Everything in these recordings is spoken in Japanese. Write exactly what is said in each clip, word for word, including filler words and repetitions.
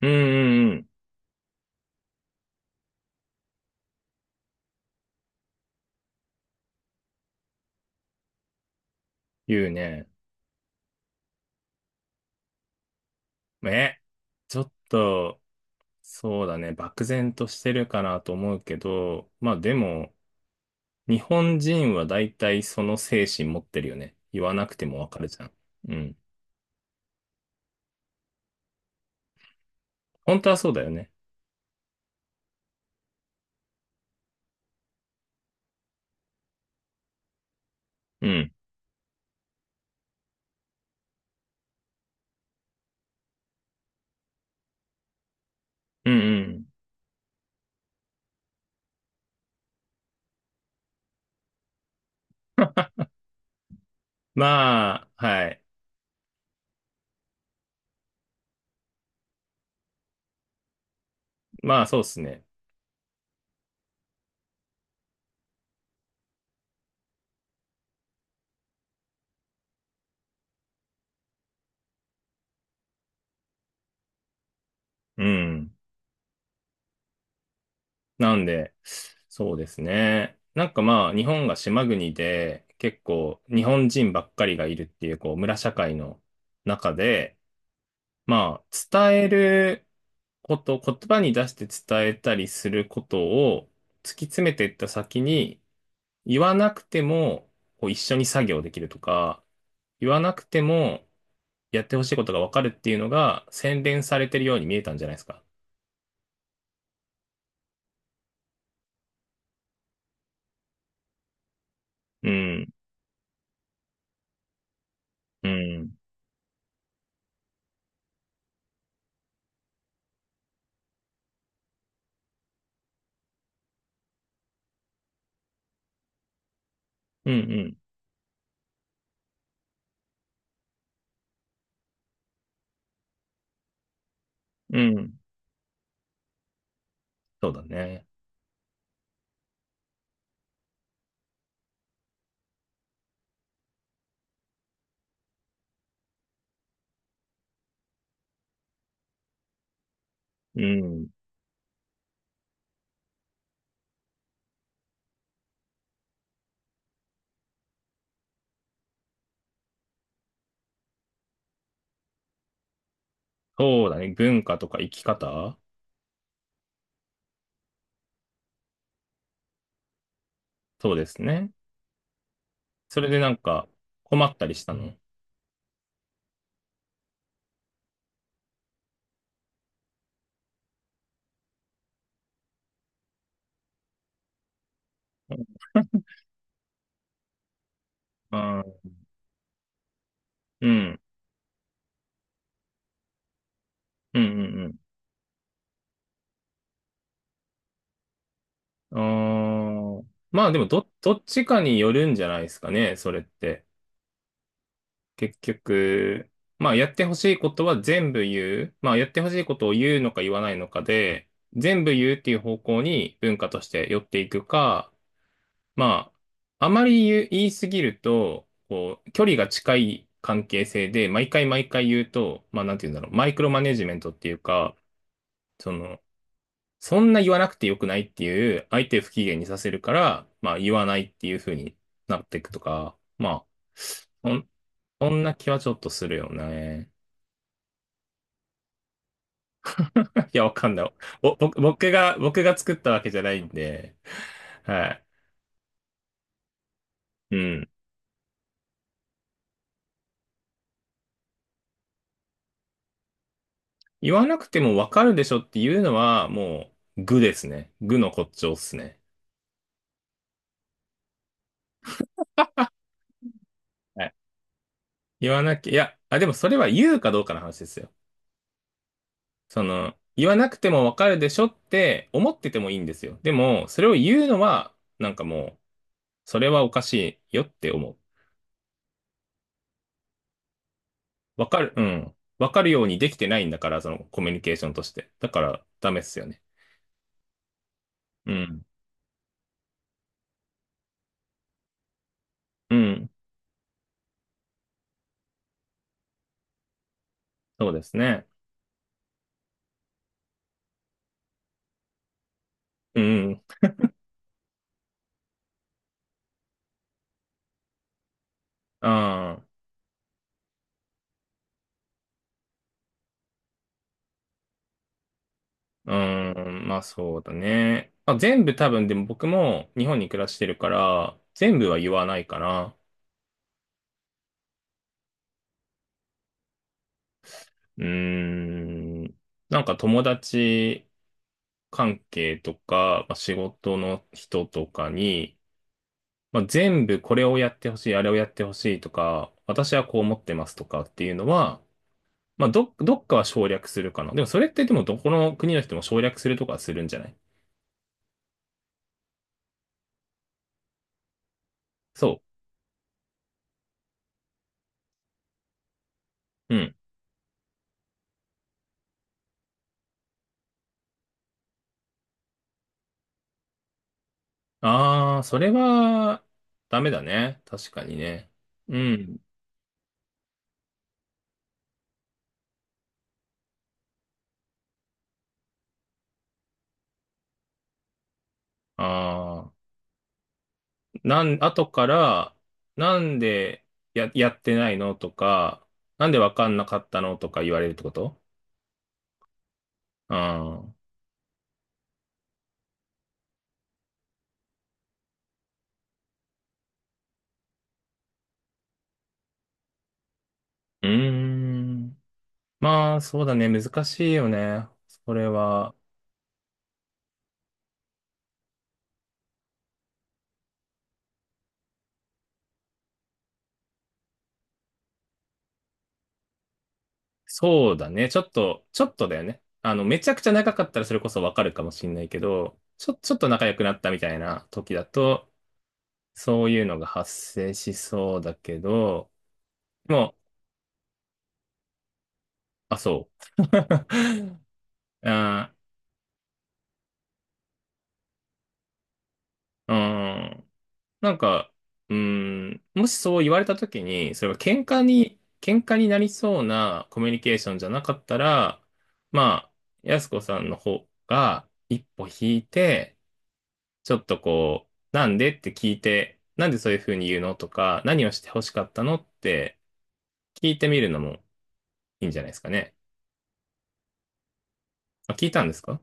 うんうんうん。言うね。え、ちょっと、そうだね。漠然としてるかなと思うけど、まあでも、日本人は大体その精神持ってるよね。言わなくてもわかるじゃん。うん。本当はそうだよね。うん。うんうん。まあ、はい。まあそうですね。うん。なんで、そうですね。なんかまあ、日本が島国で、結構日本人ばっかりがいるっていう、こう、村社会の中で、まあ、伝えること、言葉に出して伝えたりすることを突き詰めていった先に、言わなくてもこう一緒に作業できるとか、言わなくてもやってほしいことがわかるっていうのが洗練されてるように見えたんじゃないですか。うん、うん、うん、うん、うん。そうだね。うん。そうだね。文化とか生き方そうですね。それでなんか困ったりしたの。うん、うん、うん、うん。うん。うーん。まあでもど、どっちかによるんじゃないですかね、それって。結局、まあやってほしいことは全部言う。まあやってほしいことを言うのか言わないのかで、全部言うっていう方向に文化として寄っていくか、まあ、あまり言う、言いすぎると、こう、距離が近い関係性で、毎回毎回言うと、まあなんて言うんだろう、マイクロマネジメントっていうか、その、そんな言わなくてよくないっていう、相手を不機嫌にさせるから、まあ言わないっていう風になっていくとか、まあ、そん、そんな気はちょっとするよね。いや、わかんない。ぼ僕僕が、僕が作ったわけじゃないんで、はい。うん。言わなくてもわかるでしょっていうのは、もう、愚ですね。愚の骨頂っすね。はい。言わなきゃ、いや、あ、でもそれは言うかどうかの話ですよ。その、言わなくてもわかるでしょって思っててもいいんですよ。でも、それを言うのは、なんかもう、それはおかしいよって思う。わかる、うん。わかるようにできてないんだから、そのコミュニケーションとして。だから、ダメっすよね。うん。うん。そうですね。うん。ああ。うん。まあ、そうだね。まあ、全部多分、でも僕も日本に暮らしてるから、全部は言わないかな。うーん。なんか友達、関係とか、まあ、仕事の人とかに、まあ、全部これをやってほしい、あれをやってほしいとか、私はこう思ってますとかっていうのは、まあ、ど、どっかは省略するかな。でもそれってでもどこの国の人も省略するとかはするんじゃない。そう。うん。ああ、それはダメだね。確かにね。うん。ああ、なん、後から、なんでや、やってないのとか、なんでわかんなかったのとか言われるってこと。うん。うーん。まあ、そうだね。難しいよね。それは。そうだね。ちょっと、ちょっとだよね。あの、めちゃくちゃ長かったらそれこそわかるかもしんないけど、ちょ、ちょっと仲良くなったみたいな時だと、そういうのが発生しそうだけど、でもう、あ、そう。あー、うん。なんか、うーん、もしそう言われた時に、それが喧嘩に、喧嘩になりそうなコミュニケーションじゃなかったら、まあ、やすこさんの方が一歩引いて、ちょっとこう、なんでって聞いて、なんでそういうふうに言うのとか、何をして欲しかったのって聞いてみるのもいいんじゃないですかね。まあ、聞いたんですか。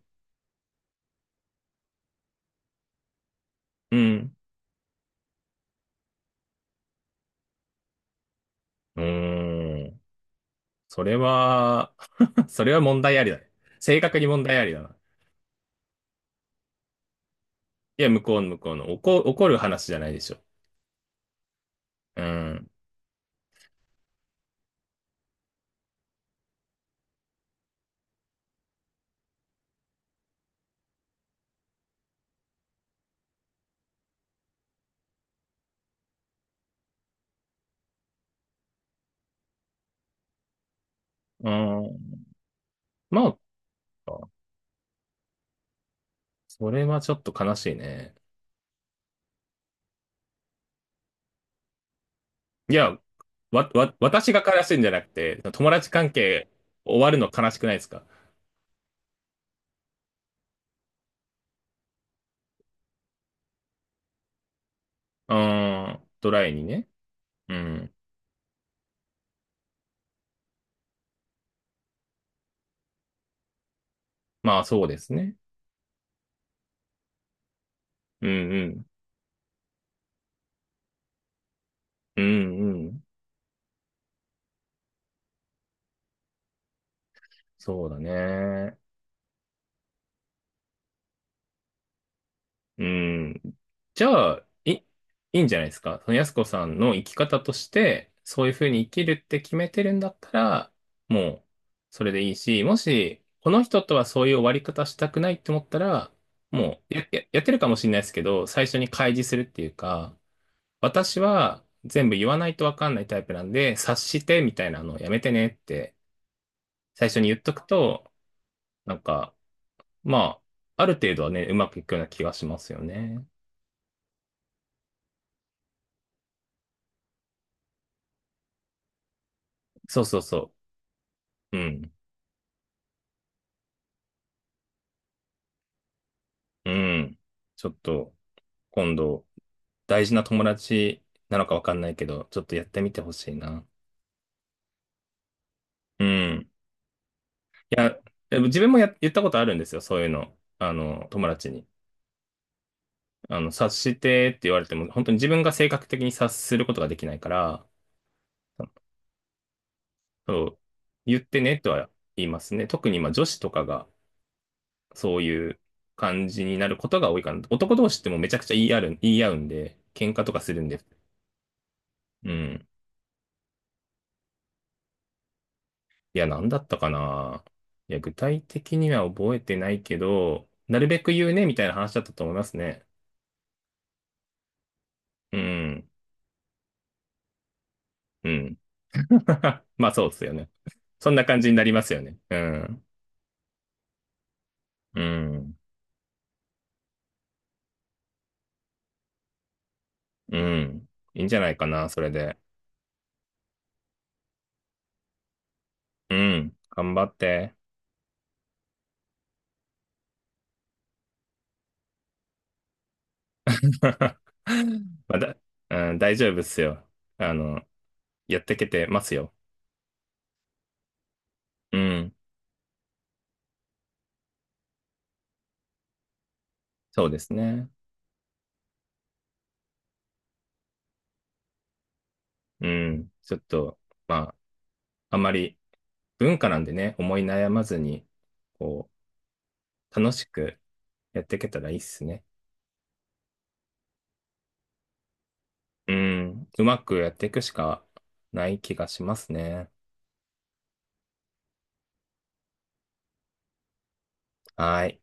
うん。うーん。それは、 それは問題ありだね。正確に問題ありだな。いや、向こうの向こうの。怒、怒る話じゃないでしょ。うん。うん。まあ、それはちょっと悲しいね。いや、わ、わ、私が悲しいんじゃなくて、友達関係終わるの悲しくないですか。うん。ドライにね。うん。まあ、そうですね。うんうん。うんうん。そうだね。うん。じゃあ、い、いいんじゃないですか。その安子さんの生き方として、そういうふうに生きるって決めてるんだったら、もう、それでいいし、もし、この人とはそういう終わり方したくないって思ったら、もうや、ややってるかもしれないですけど、最初に開示するっていうか、私は全部言わないとわかんないタイプなんで、察してみたいなのをやめてねって、最初に言っとくと、なんか、まあ、ある程度はね、うまくいくような気がしますよね。そうそうそう。うん。うん。ちょっと、今度、大事な友達なのかわかんないけど、ちょっとやってみてほしいな。うん。いや、でも自分もや、言ったことあるんですよ、そういうの。あの、友達に。あの、察してって言われても、本当に自分が性格的に察することができないから、そう、言ってねとは言いますね。特に、まあ、女子とかが、そういう感じになることが多いかな。男同士ってもうめちゃくちゃ言い合うん、言い合うんで、喧嘩とかするんで。うん。いや、なんだったかな。いや、具体的には覚えてないけど、なるべく言うね、みたいな話だったと思いますね。うん。うん。まあ、そうですよね。そんな感じになりますよね。うん。うん。うん。いいんじゃないかな、それで。うん。頑張って。まだ、うん、大丈夫っすよ。あの、やってけてますよ。うん。そうですね。うん。ちょっと、まあ、あまり文化なんでね、思い悩まずに、こう、楽しくやっていけたらいいっすね。うん。うまくやっていくしかない気がしますね。はい。